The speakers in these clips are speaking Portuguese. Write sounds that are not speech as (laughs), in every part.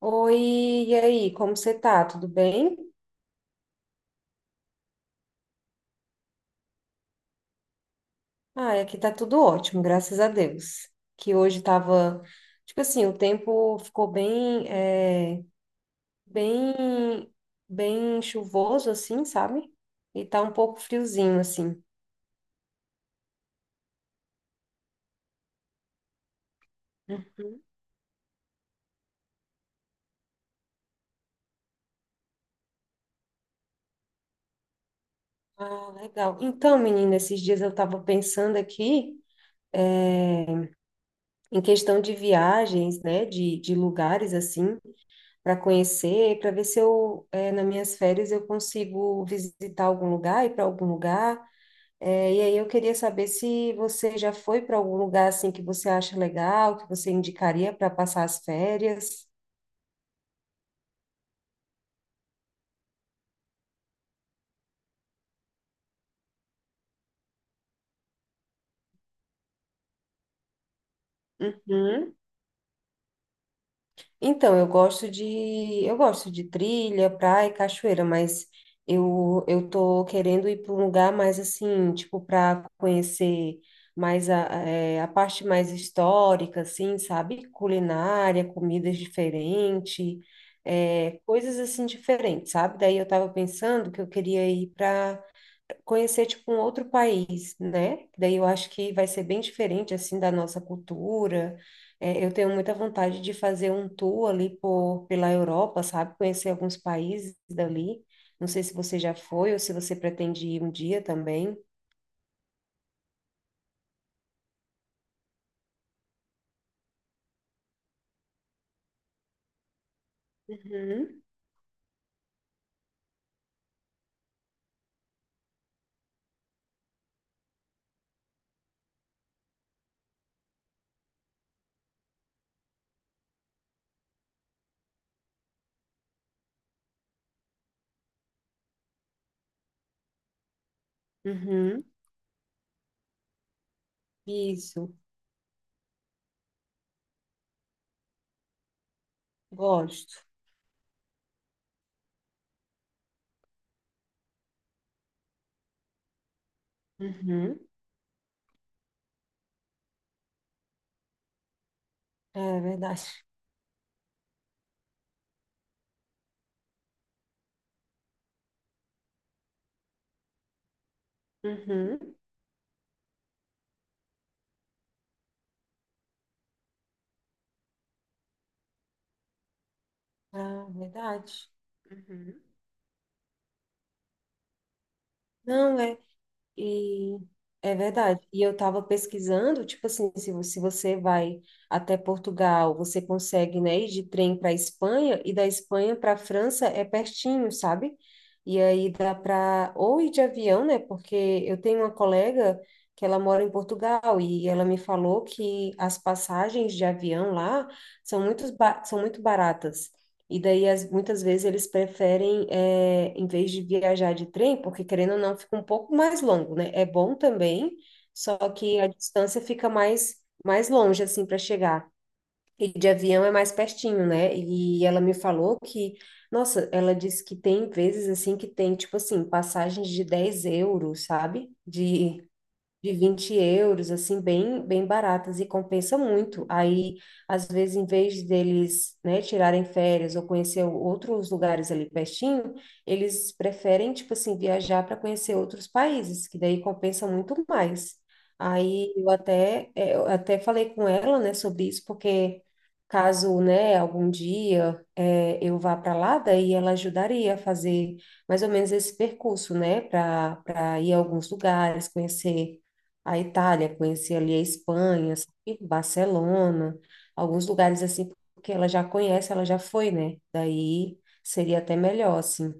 Oi, e aí, como você tá? Tudo bem? Ah, aqui tá tudo ótimo, graças a Deus. Que hoje tava, tipo assim, O tempo ficou bem, bem chuvoso, assim, sabe? E tá um pouco friozinho, assim. Uhum. Ah, legal. Então, menina, esses dias eu tava pensando aqui, é, em questão de viagens, né, de lugares, assim para conhecer, para ver se nas minhas férias, eu consigo visitar algum lugar, ir para algum lugar. E aí eu queria saber se você já foi para algum lugar assim que você acha legal, que você indicaria para passar as férias. Uhum. Então, eu gosto de trilha, praia e cachoeira, mas eu tô querendo ir para um lugar mais assim, tipo para conhecer mais a parte mais histórica, assim, sabe? Culinária, comidas diferentes, coisas assim diferentes, sabe? Daí eu tava pensando que eu queria ir para conhecer tipo um outro país, né? Daí eu acho que vai ser bem diferente assim da nossa cultura. É, eu tenho muita vontade de fazer um tour ali pela Europa, sabe? Conhecer alguns países dali. Não sei se você já foi ou se você pretende ir um dia também. Uhum, uhum, isso, gosto. Uhum, é verdade. Uhum, ah, verdade. Uhum. Não, é E é verdade. E eu estava pesquisando, tipo assim, se você vai até Portugal, você consegue, né, ir de trem para Espanha e da Espanha para França é pertinho, sabe? E aí dá para ou ir de avião, né? Porque eu tenho uma colega que ela mora em Portugal e ela me falou que as passagens de avião lá são são muito baratas. E daí, muitas vezes, eles preferem, é, em vez de viajar de trem, porque querendo ou não, fica um pouco mais longo, né? É bom também, só que a distância fica mais longe, assim, para chegar. E de avião é mais pertinho, né? E ela me falou que, nossa, ela disse que tem vezes, assim, que tem, tipo assim, passagens de 10 euros, sabe? De 20 euros, assim, bem baratas e compensa muito. Aí, às vezes, em vez deles, né, tirarem férias ou conhecer outros lugares ali pertinho, eles preferem, tipo assim, viajar para conhecer outros países, que daí compensa muito mais. Aí eu até, eh, Eu até falei com ela, né, sobre isso, porque caso, né, algum dia eu vá para lá, daí ela ajudaria a fazer mais ou menos esse percurso, né, para ir a alguns lugares, conhecer a Itália, conheci ali a Espanha, sabe? Barcelona, alguns lugares assim, porque ela já conhece, ela já foi, né? Daí seria até melhor, assim.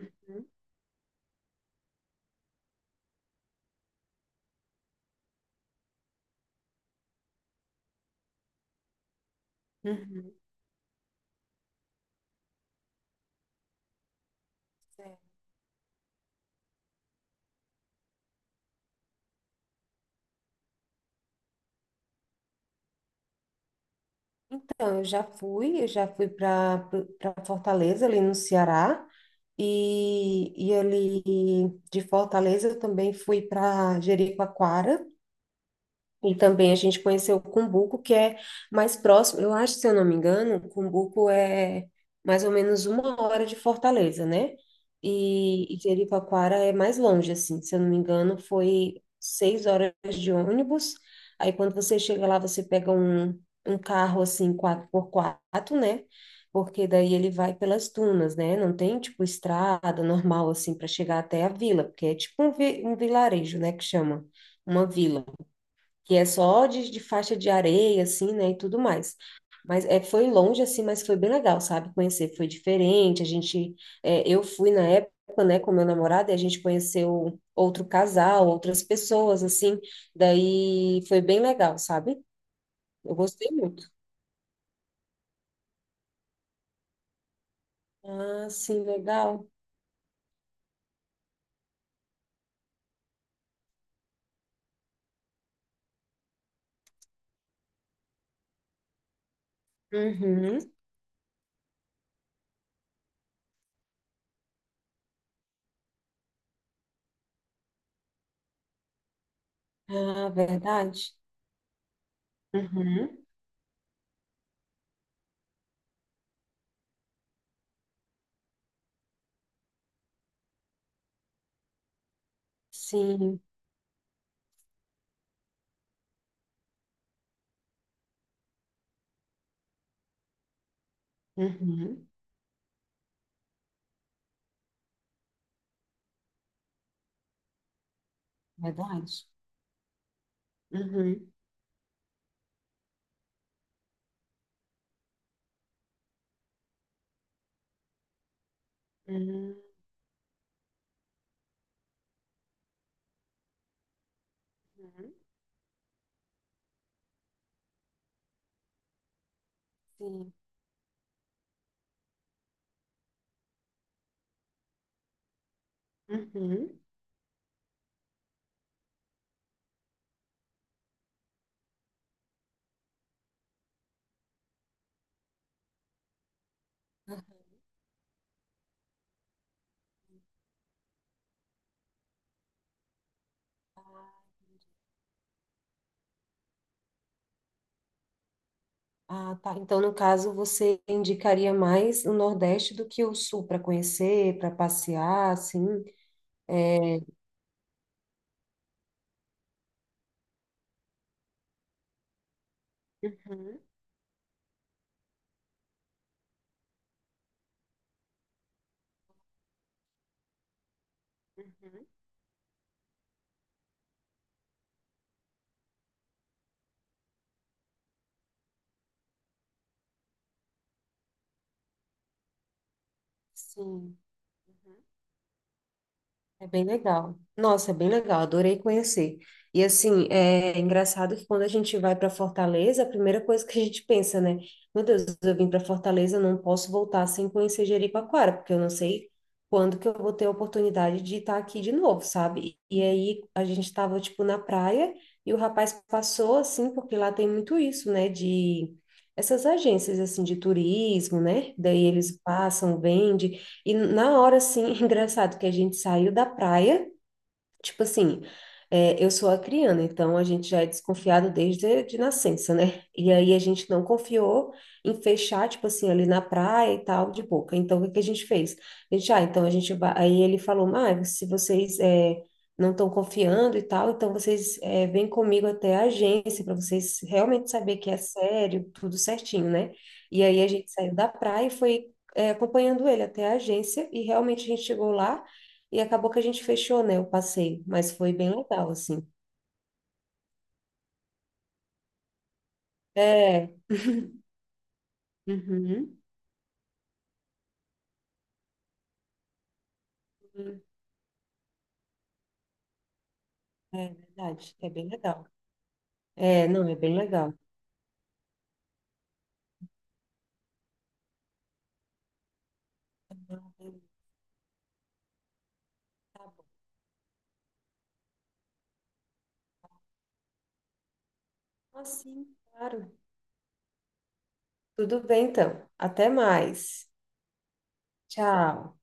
Uhum, uhum. É. Então, eu já fui para Fortaleza, ali no Ceará, e ali de Fortaleza eu também fui para Jericoacoara, e também a gente conheceu o Cumbuco, que é mais próximo. Eu acho, se eu não me engano, o Cumbuco é mais ou menos uma hora de Fortaleza, né? E Jeripaquara é mais longe, assim. Se eu não me engano, foi seis horas de ônibus. Aí quando você chega lá, você pega um carro, assim, 4x4, né? Porque daí ele vai pelas dunas, né? Não tem, tipo, estrada normal, assim, para chegar até a vila, porque é tipo um vilarejo, né? Que chama uma vila que é só de faixa de areia, assim, né, e tudo mais. Mas é, foi longe, assim, mas foi bem legal, sabe? Conhecer foi diferente, eu fui na época, né, com meu namorado, e a gente conheceu outro casal, outras pessoas, assim, daí foi bem legal, sabe? Eu gostei muito. Ah, sim, legal. Uhum. Ah, verdade. Uhum. Sim. Uhum. Verdade. Uhum. Uhum. Uhum. Sim. Uhum. Ah, tá. Então, no caso, você indicaria mais o Nordeste do que o Sul para conhecer, para passear, assim? É... Uhum, uhum, sim. Uhum. É bem legal. Nossa, é bem legal, adorei conhecer. E assim, é engraçado que quando a gente vai para Fortaleza, a primeira coisa que a gente pensa, né? Meu Deus, eu vim para Fortaleza, não posso voltar sem conhecer Jericoacoara, porque eu não sei quando que eu vou ter a oportunidade de estar aqui de novo, sabe? E aí a gente estava tipo na praia e o rapaz passou assim, porque lá tem muito isso, né, de essas agências assim de turismo, né? Daí eles passam, vendem e na hora, assim, (laughs) engraçado que a gente saiu da praia, tipo assim, é, eu sou acriana, então a gente já é desconfiado desde de nascença, né? E aí a gente não confiou em fechar, tipo assim, ali na praia e tal, de boca. Então o que que a gente fez? A gente, ah, então a gente vai. Aí ele falou, mas se não estão confiando e tal, então vêm comigo até a agência para vocês realmente saber que é sério, tudo certinho, né? E aí a gente saiu da praia e foi acompanhando ele até a agência e realmente a gente chegou lá. E acabou que a gente fechou, né, o passeio, mas foi bem legal, assim. É, uhum, uhum, é verdade, é bem legal. É, não, é bem legal. Tá bom, assim, claro. Tudo bem, então. Até mais. Tchau.